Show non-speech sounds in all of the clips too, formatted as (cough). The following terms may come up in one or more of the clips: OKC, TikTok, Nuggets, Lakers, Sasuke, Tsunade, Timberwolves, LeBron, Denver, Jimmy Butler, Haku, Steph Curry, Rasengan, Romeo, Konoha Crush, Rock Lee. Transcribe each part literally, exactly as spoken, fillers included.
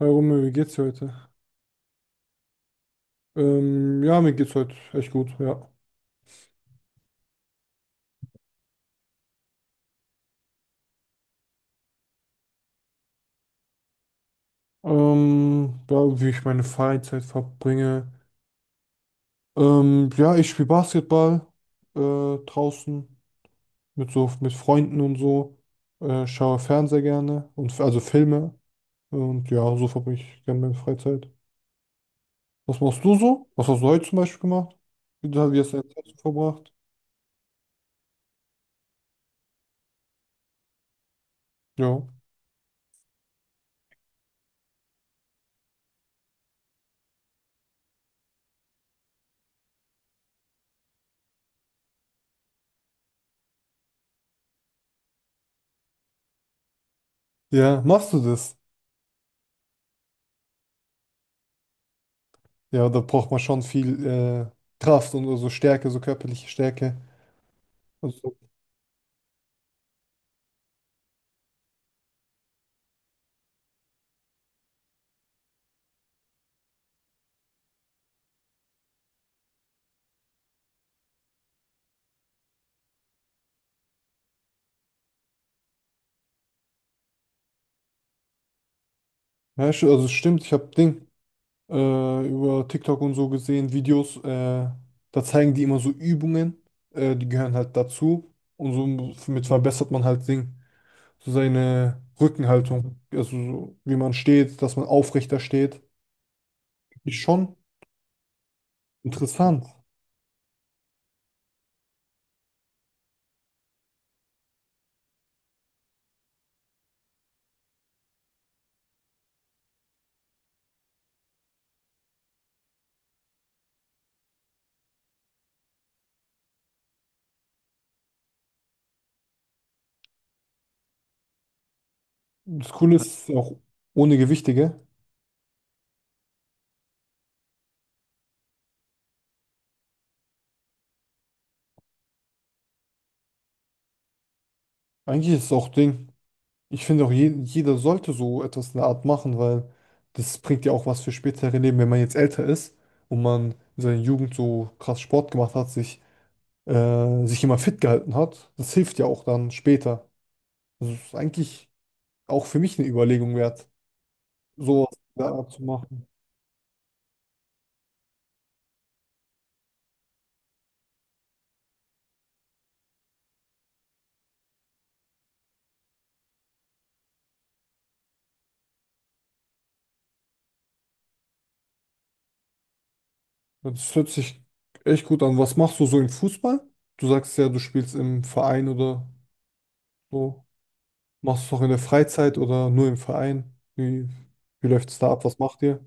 Hi Romeo, wie geht's dir heute? Ähm, ja, mir geht's heute echt gut, ja. Ähm, ja, wie ich meine Freizeit verbringe. Ähm, ja, ich spiele Basketball äh, draußen mit so mit Freunden und so. Äh, schaue Fernseher gerne und f- also Filme. Und ja, so verbringe ich gerne meine Freizeit. Was machst du so? Was hast du heute zum Beispiel gemacht? Wie, du- wie hast du deine Zeit so verbracht? Ja. Ja, machst du das? Ja, da braucht man schon viel äh, Kraft und so Stärke, so körperliche Stärke. Ja, sch- also es stimmt, ich habe Ding äh, über TikTok und so gesehen, Videos, äh, da zeigen die immer so Übungen, äh, die gehören halt dazu und so m- mit verbessert man halt Ding, so seine Rückenhaltung, also so, wie man steht, dass man aufrechter steht. Ist schon interessant. Das Coole ist, es ist ja auch ohne Gewichte, gell? Eigentlich ist es auch Ding. Ich finde auch, je, jeder sollte so etwas in der Art machen, weil das bringt ja auch was für spätere Leben, wenn man jetzt älter ist und man in seiner Jugend so krass Sport gemacht hat, sich, äh, sich immer fit gehalten hat. Das hilft ja auch dann später. Das ist eigentlich auch für mich eine Überlegung wert, sowas in der Art zu machen. Das hört sich echt gut an. Was machst du so im Fußball? Du sagst ja, du spielst im Verein oder so. Machst du es auch in der Freizeit oder nur im Verein? Wie, wie läuft es da ab? Was macht ihr?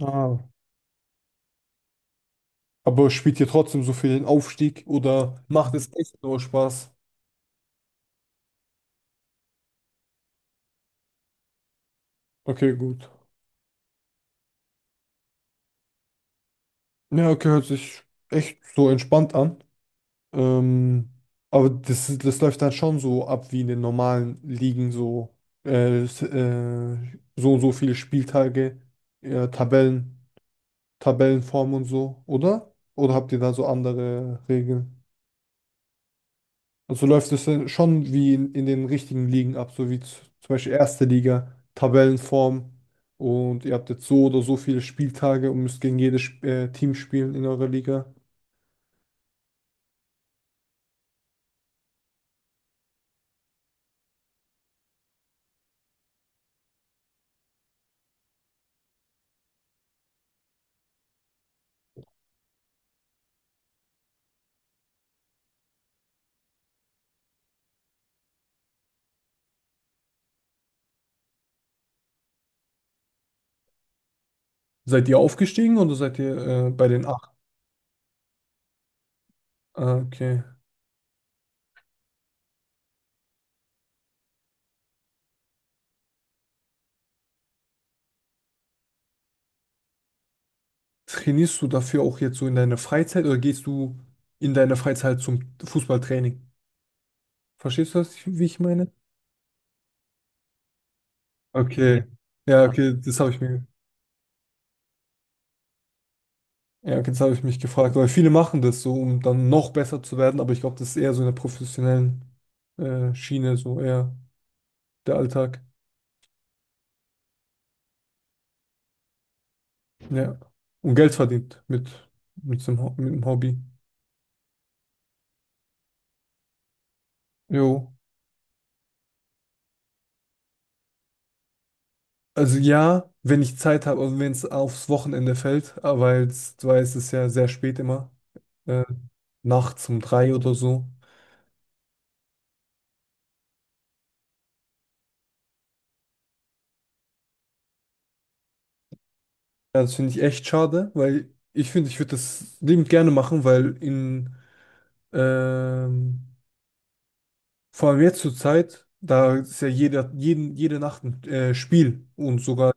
Ah. Aber spielt ihr trotzdem so für den Aufstieg oder macht es echt nur Spaß? Okay, gut. Ja, okay, hört sich echt so entspannt an. Ähm, aber das, das läuft dann schon so ab wie in den normalen Ligen, so, äh, s- äh, so und so viele Spieltage, äh, Tabellen, Tabellenform und so, oder? Oder habt ihr da so andere Regeln? Also so läuft es denn schon wie in, in den richtigen Ligen ab, so wie z- zum Beispiel erste Liga, Tabellenform und ihr habt jetzt so oder so viele Spieltage und müsst gegen jedes Sp- äh, Team spielen in eurer Liga. Seid ihr aufgestiegen oder seid ihr äh, bei den acht? Ah, okay. Trainierst du dafür auch jetzt so in deiner Freizeit oder gehst du in deiner Freizeit zum Fußballtraining? Verstehst du das, wie ich meine? Okay. Ja, okay, das habe ich mir Ja, okay, das habe ich mich gefragt, weil viele machen das so, um dann noch besser zu werden, aber ich glaube, das ist eher so in der professionellen äh, Schiene, so eher der Alltag. Ja. Und Geld verdient mit, mit dem, Ho- mit dem Hobby. Jo. Also ja, wenn ich Zeit habe, also wenn es aufs Wochenende fällt, aber weil es- du weißt, es ist ja sehr spät immer, äh, nachts um drei oder so. Ja, das finde ich echt schade, weil ich finde, ich würde das liebend gerne machen, weil in ähm, vor allem jetzt zur Zeit, da ist ja jeder, jeden, jede Nacht ein äh, Spiel und sogar,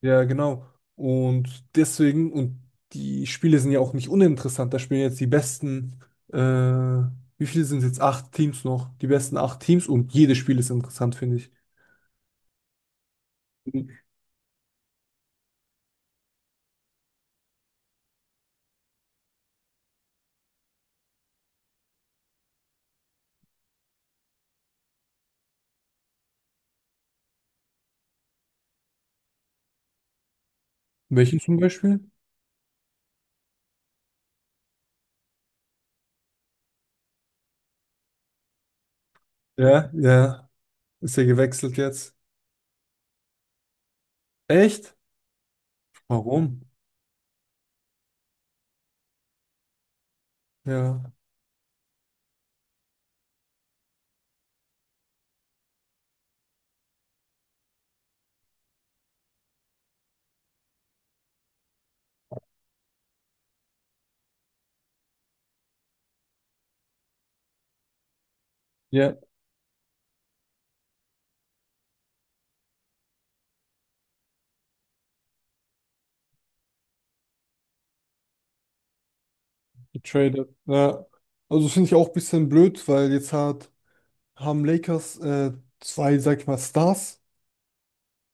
ja genau. Und deswegen, und die Spiele sind ja auch nicht uninteressant, da spielen jetzt die besten, äh, wie viele sind es jetzt? Acht Teams noch, die besten acht Teams und jedes Spiel ist interessant, finde ich. Mhm. Welche zum Beispiel? Ja, ja, ist ja gewechselt jetzt. Echt? Warum? Ja, ja, getradet. Ja, also finde ich auch ein bisschen blöd, weil jetzt hat haben Lakers äh, zwei, sag ich mal, Stars.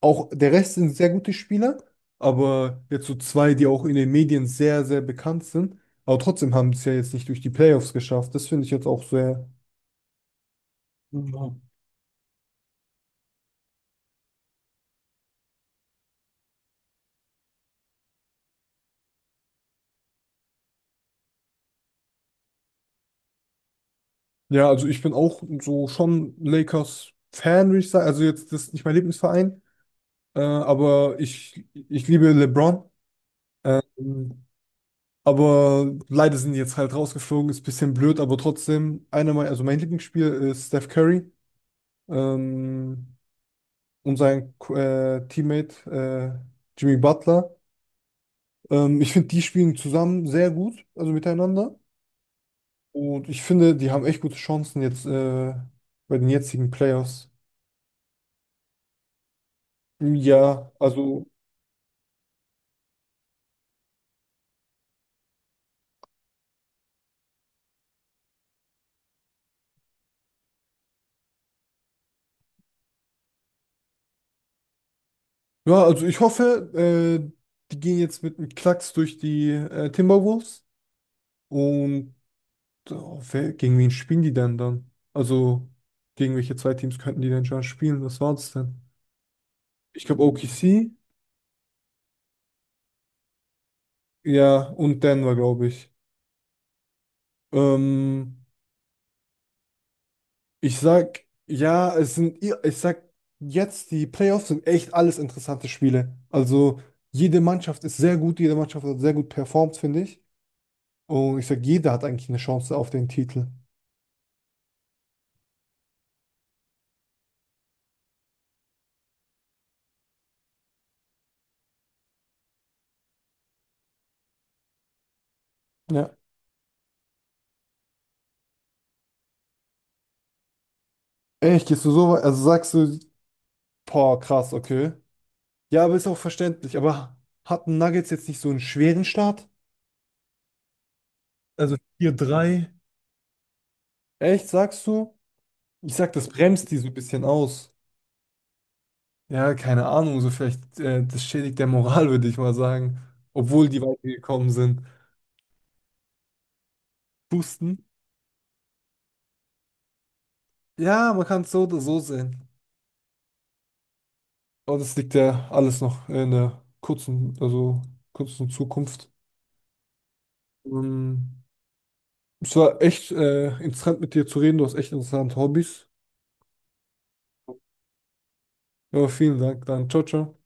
Auch der Rest sind sehr gute Spieler, aber jetzt so zwei, die auch in den Medien sehr, sehr bekannt sind. Aber trotzdem haben sie es ja jetzt nicht durch die Playoffs geschafft. Das finde ich jetzt auch sehr. Ja, ja, also ich bin auch so schon Lakers-Fan, würde ich sagen. Also jetzt, das ist nicht mein Lieblingsverein, äh, aber ich, ich liebe LeBron. Ähm, aber leider sind die jetzt halt rausgeflogen, ist ein bisschen blöd, aber trotzdem, einer mein, also mein Lieblingsspiel ist Steph Curry. ähm, und sein Ko- äh, Teammate äh, Jimmy Butler. Ähm, ich finde, die spielen zusammen sehr gut, also miteinander. Und ich finde, die haben echt gute Chancen jetzt äh, bei den jetzigen Playoffs. Ja, also, ja, also ich hoffe, äh, die gehen jetzt mit einem Klacks durch die äh, Timberwolves. Und oh, wer, gegen wen spielen die denn dann? Also, gegen welche zwei Teams könnten die denn schon spielen? Was war das denn? Ich glaube, O K C, ja, und Denver, glaube ich. Ähm, ich sag, ja, es sind, ich sag jetzt, die Playoffs sind echt alles interessante Spiele. Also jede Mannschaft ist sehr gut, jede Mannschaft hat sehr gut performt, finde ich. Und ich sag, jeder hat eigentlich eine Chance auf den Titel. Ja. Echt, gehst du so weit? Also sagst du, boah, krass, okay. Ja, aber ist auch verständlich. Aber hatten Nuggets jetzt nicht so einen schweren Start? Also vier drei. Echt, sagst du? Ich sag, das bremst die so ein bisschen aus. Ja, keine Ahnung, so vielleicht, äh, das schädigt der Moral, (laughs) würde ich mal sagen. Obwohl die weitergekommen sind. Pusten? Ja, man kann es so oder so sehen. Aber das liegt ja alles noch in der kurzen, also kurzen Zukunft. Ähm, es war echt äh, interessant mit dir zu reden. Du hast echt interessante Hobbys. Ja, vielen Dank. Dann ciao, ciao.